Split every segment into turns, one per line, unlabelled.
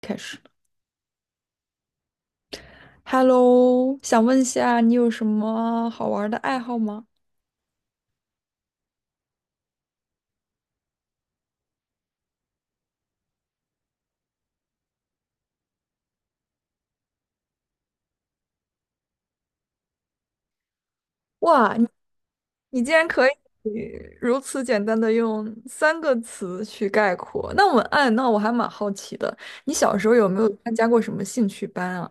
开始。Hello，想问一下，你有什么好玩儿的爱好吗？哇，你竟然可以如此简单的用三个词去概括，那我哎，那我还蛮好奇的，你小时候有没有参加过什么兴趣班啊？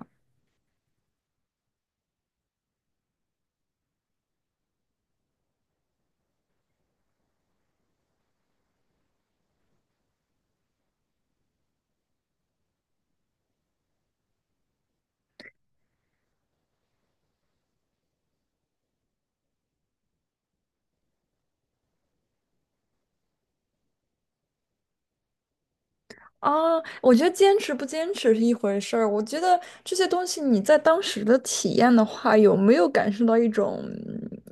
啊，我觉得坚持不坚持是一回事儿，我觉得这些东西你在当时的体验的话，有没有感受到一种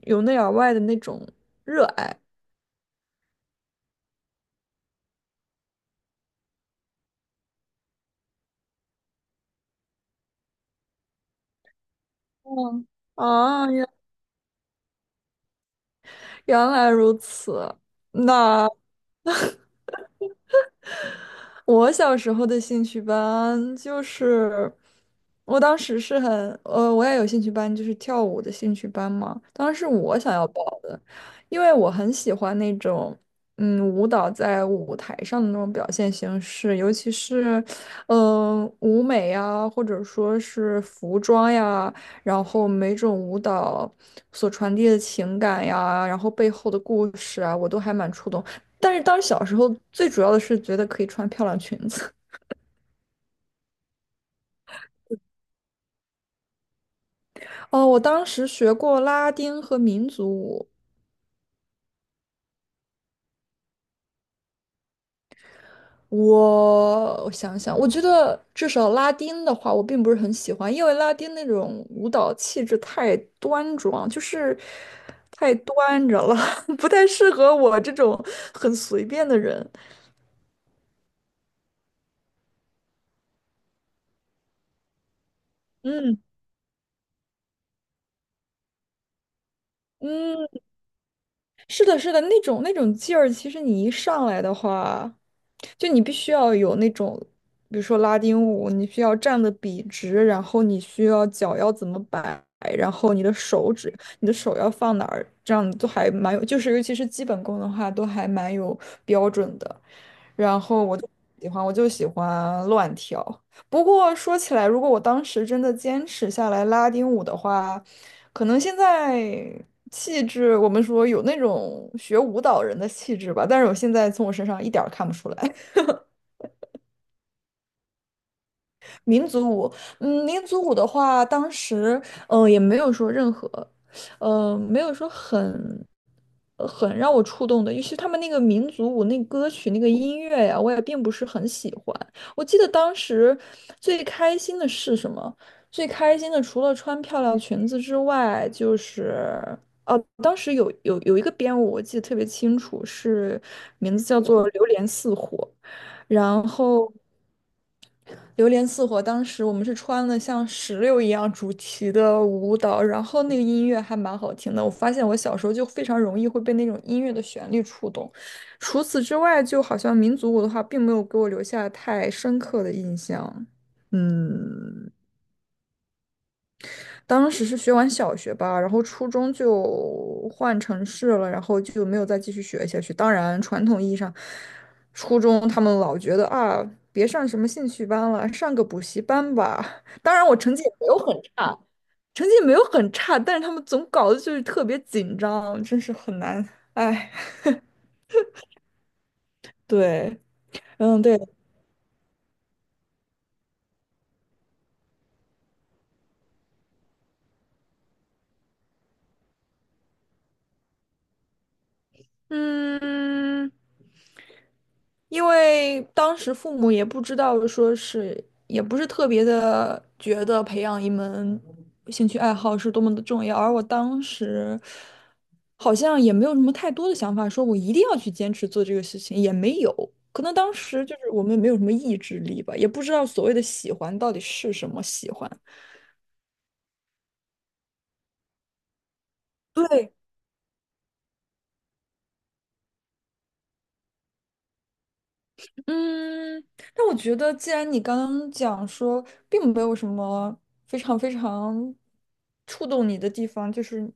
由内而外的那种热爱？嗯，啊，原来如此。那。我小时候的兴趣班就是，我当时是很，我也有兴趣班，就是跳舞的兴趣班嘛。当时我想要报的，因为我很喜欢那种，嗯，舞蹈在舞台上的那种表现形式，尤其是，嗯、舞美呀，或者说是服装呀，然后每种舞蹈所传递的情感呀，然后背后的故事啊，我都还蛮触动。但是当时小时候最主要的是觉得可以穿漂亮裙子。哦，我当时学过拉丁和民族舞。我想想，我觉得至少拉丁的话，我并不是很喜欢，因为拉丁那种舞蹈气质太端庄，就是太端着了，不太适合我这种很随便的人。嗯嗯，是的，是的，那种那种劲儿，其实你一上来的话，就你必须要有那种，比如说拉丁舞，你需要站的笔直，然后你需要脚要怎么摆，然后你的手指，你的手要放哪儿，这样都还蛮有，就是尤其是基本功的话，都还蛮有标准的。然后我就喜欢，我就喜欢乱跳。不过说起来，如果我当时真的坚持下来拉丁舞的话，可能现在气质，我们说有那种学舞蹈人的气质吧，但是我现在从我身上一点儿看不出来。民族舞，嗯，民族舞的话，当时嗯，也没有说任何，没有说很很让我触动的，尤其他们那个民族舞那歌曲那个音乐呀，我也并不是很喜欢。我记得当时最开心的是什么？最开心的除了穿漂亮裙子之外，就是哦，当时有一个编舞，我记得特别清楚，是名字叫做《榴莲似火》。然后榴莲似火，当时我们是穿了像石榴一样主题的舞蹈，然后那个音乐还蛮好听的。我发现我小时候就非常容易会被那种音乐的旋律触动。除此之外，就好像民族舞的话，并没有给我留下太深刻的印象。嗯。当时是学完小学吧，然后初中就换城市了，然后就没有再继续学下去。当然，传统意义上，初中他们老觉得啊，别上什么兴趣班了，上个补习班吧。当然，我成绩也没有很差，成绩也没有很差，但是他们总搞得就是特别紧张，真是很难。哎，对，嗯，对。嗯，因为当时父母也不知道，说是也不是特别的觉得培养一门兴趣爱好是多么的重要，而我当时好像也没有什么太多的想法，说我一定要去坚持做这个事情，也没有。可能当时就是我们没有什么意志力吧，也不知道所谓的喜欢到底是什么喜欢。对，嗯，但我觉得，既然你刚刚讲说，并没有什么非常非常触动你的地方，就是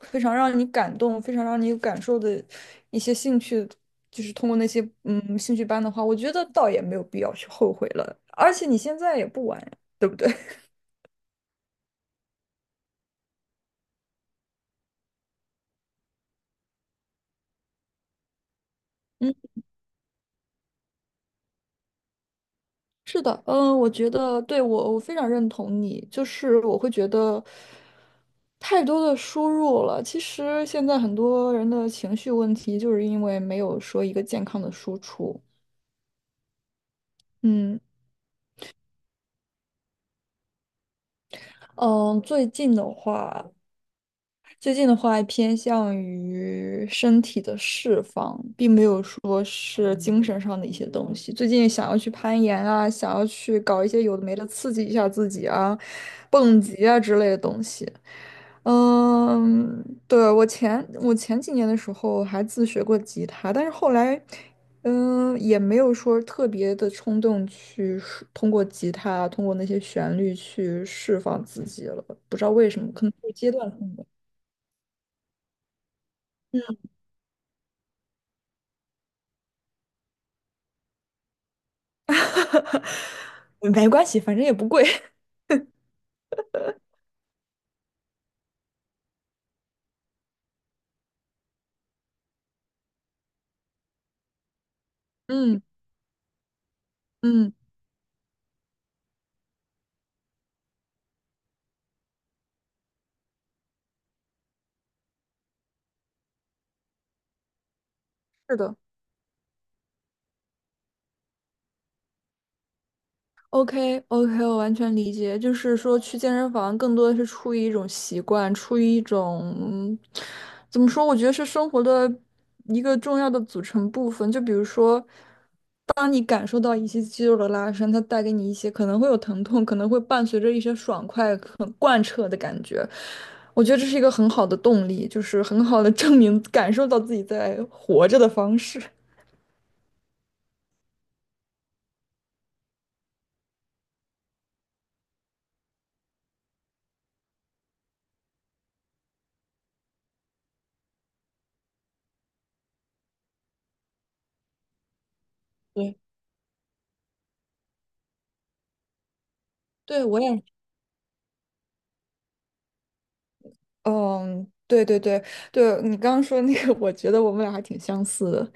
非常让你感动、非常让你有感受的一些兴趣，就是通过那些兴趣班的话，我觉得倒也没有必要去后悔了。而且你现在也不晚呀，对不对？嗯。是的，嗯，我觉得对，我非常认同你，就是我会觉得太多的输入了。其实现在很多人的情绪问题，就是因为没有说一个健康的输出。嗯嗯，最近的话，最近的话偏向于身体的释放，并没有说是精神上的一些东西。最近想要去攀岩啊，想要去搞一些有的没的刺激一下自己啊，蹦极啊之类的东西。嗯，对，我前几年的时候还自学过吉他，但是后来，嗯，也没有说特别的冲动去释通过吉他，通过那些旋律去释放自己了。不知道为什么，可能是阶段性的。没关系，反正也不贵。嗯嗯，是的，OK OK,我完全理解。就是说，去健身房更多的是出于一种习惯，出于一种嗯怎么说？我觉得是生活的一个重要的组成部分。就比如说，当你感受到一些肌肉的拉伸，它带给你一些可能会有疼痛，可能会伴随着一些爽快、很贯彻的感觉。我觉得这是一个很好的动力，就是很好的 证明感受到自己在活着的方式。对。对，我也，嗯，对对对对，你刚刚说那个，我觉得我们俩还挺相似的。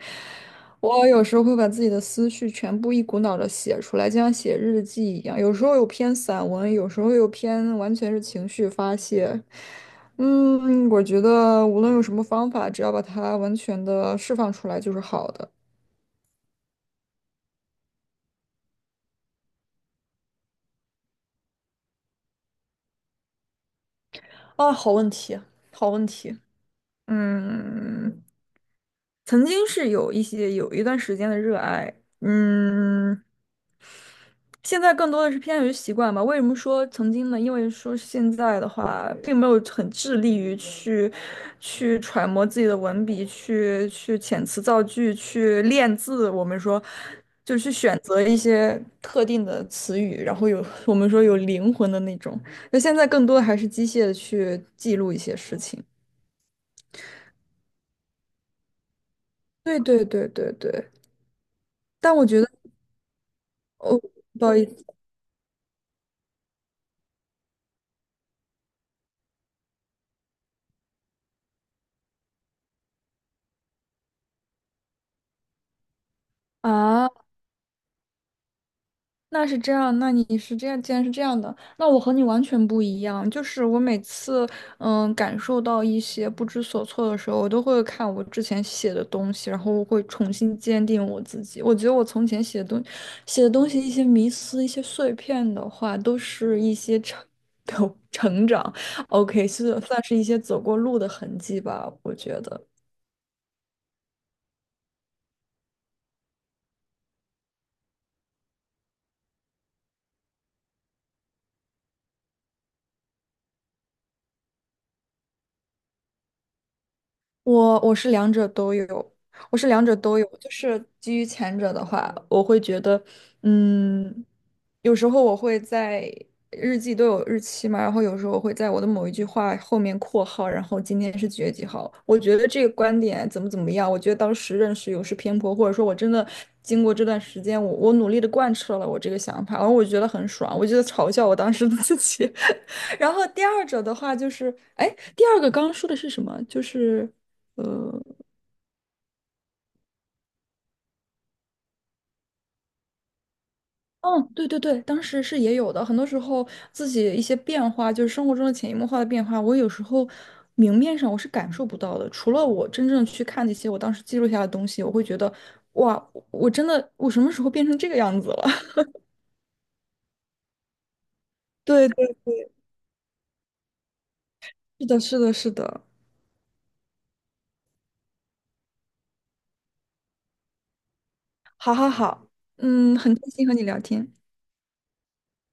我有时候会把自己的思绪全部一股脑的写出来，就像写日记一样。有时候又偏散文，有时候又偏完全是情绪发泄。嗯，我觉得无论用什么方法，只要把它完全的释放出来就是好的。啊，好问题，好问题。嗯，曾经是有一些有一段时间的热爱，嗯。现在更多的是偏向于习惯吧。为什么说曾经呢？因为说现在的话，并没有很致力于去揣摩自己的文笔，去遣词造句，去练字。我们说，就是去选择一些特定的词语，然后有我们说有灵魂的那种。那现在更多的还是机械的去记录一些事情。对。但我觉得，哦，不好意思啊。那是这样，那你是这样，既然是这样的，那我和你完全不一样。就是我每次，嗯，感受到一些不知所措的时候，我都会看我之前写的东西，然后我会重新坚定我自己。我觉得我从前写的东西，一些迷思、一些碎片的话，都是一些成 成长。OK,是算是一些走过路的痕迹吧，我觉得。我我是两者都有，我是两者都有就是基于前者的话，我会觉得，嗯，有时候我会在日记都有日期嘛，然后有时候我会在我的某一句话后面括号，然后今天是几月几号。我觉得这个观点怎么怎么样，我觉得当时认识有失偏颇，或者说我真的经过这段时间，我努力的贯彻了我这个想法，然后我觉得很爽，我觉得嘲笑我当时的自己。然后第二者的话就是，哎，第二个刚刚说的是什么？就是。呃，嗯，对对对，当时是也有的。很多时候自己一些变化，就是生活中的潜移默化的变化，我有时候明面上我是感受不到的。除了我真正去看那些我当时记录下的东西，我会觉得，哇，我真的我什么时候变成这个样子了？对对，是的，是的，是的。好好好，嗯，很开心和你聊天。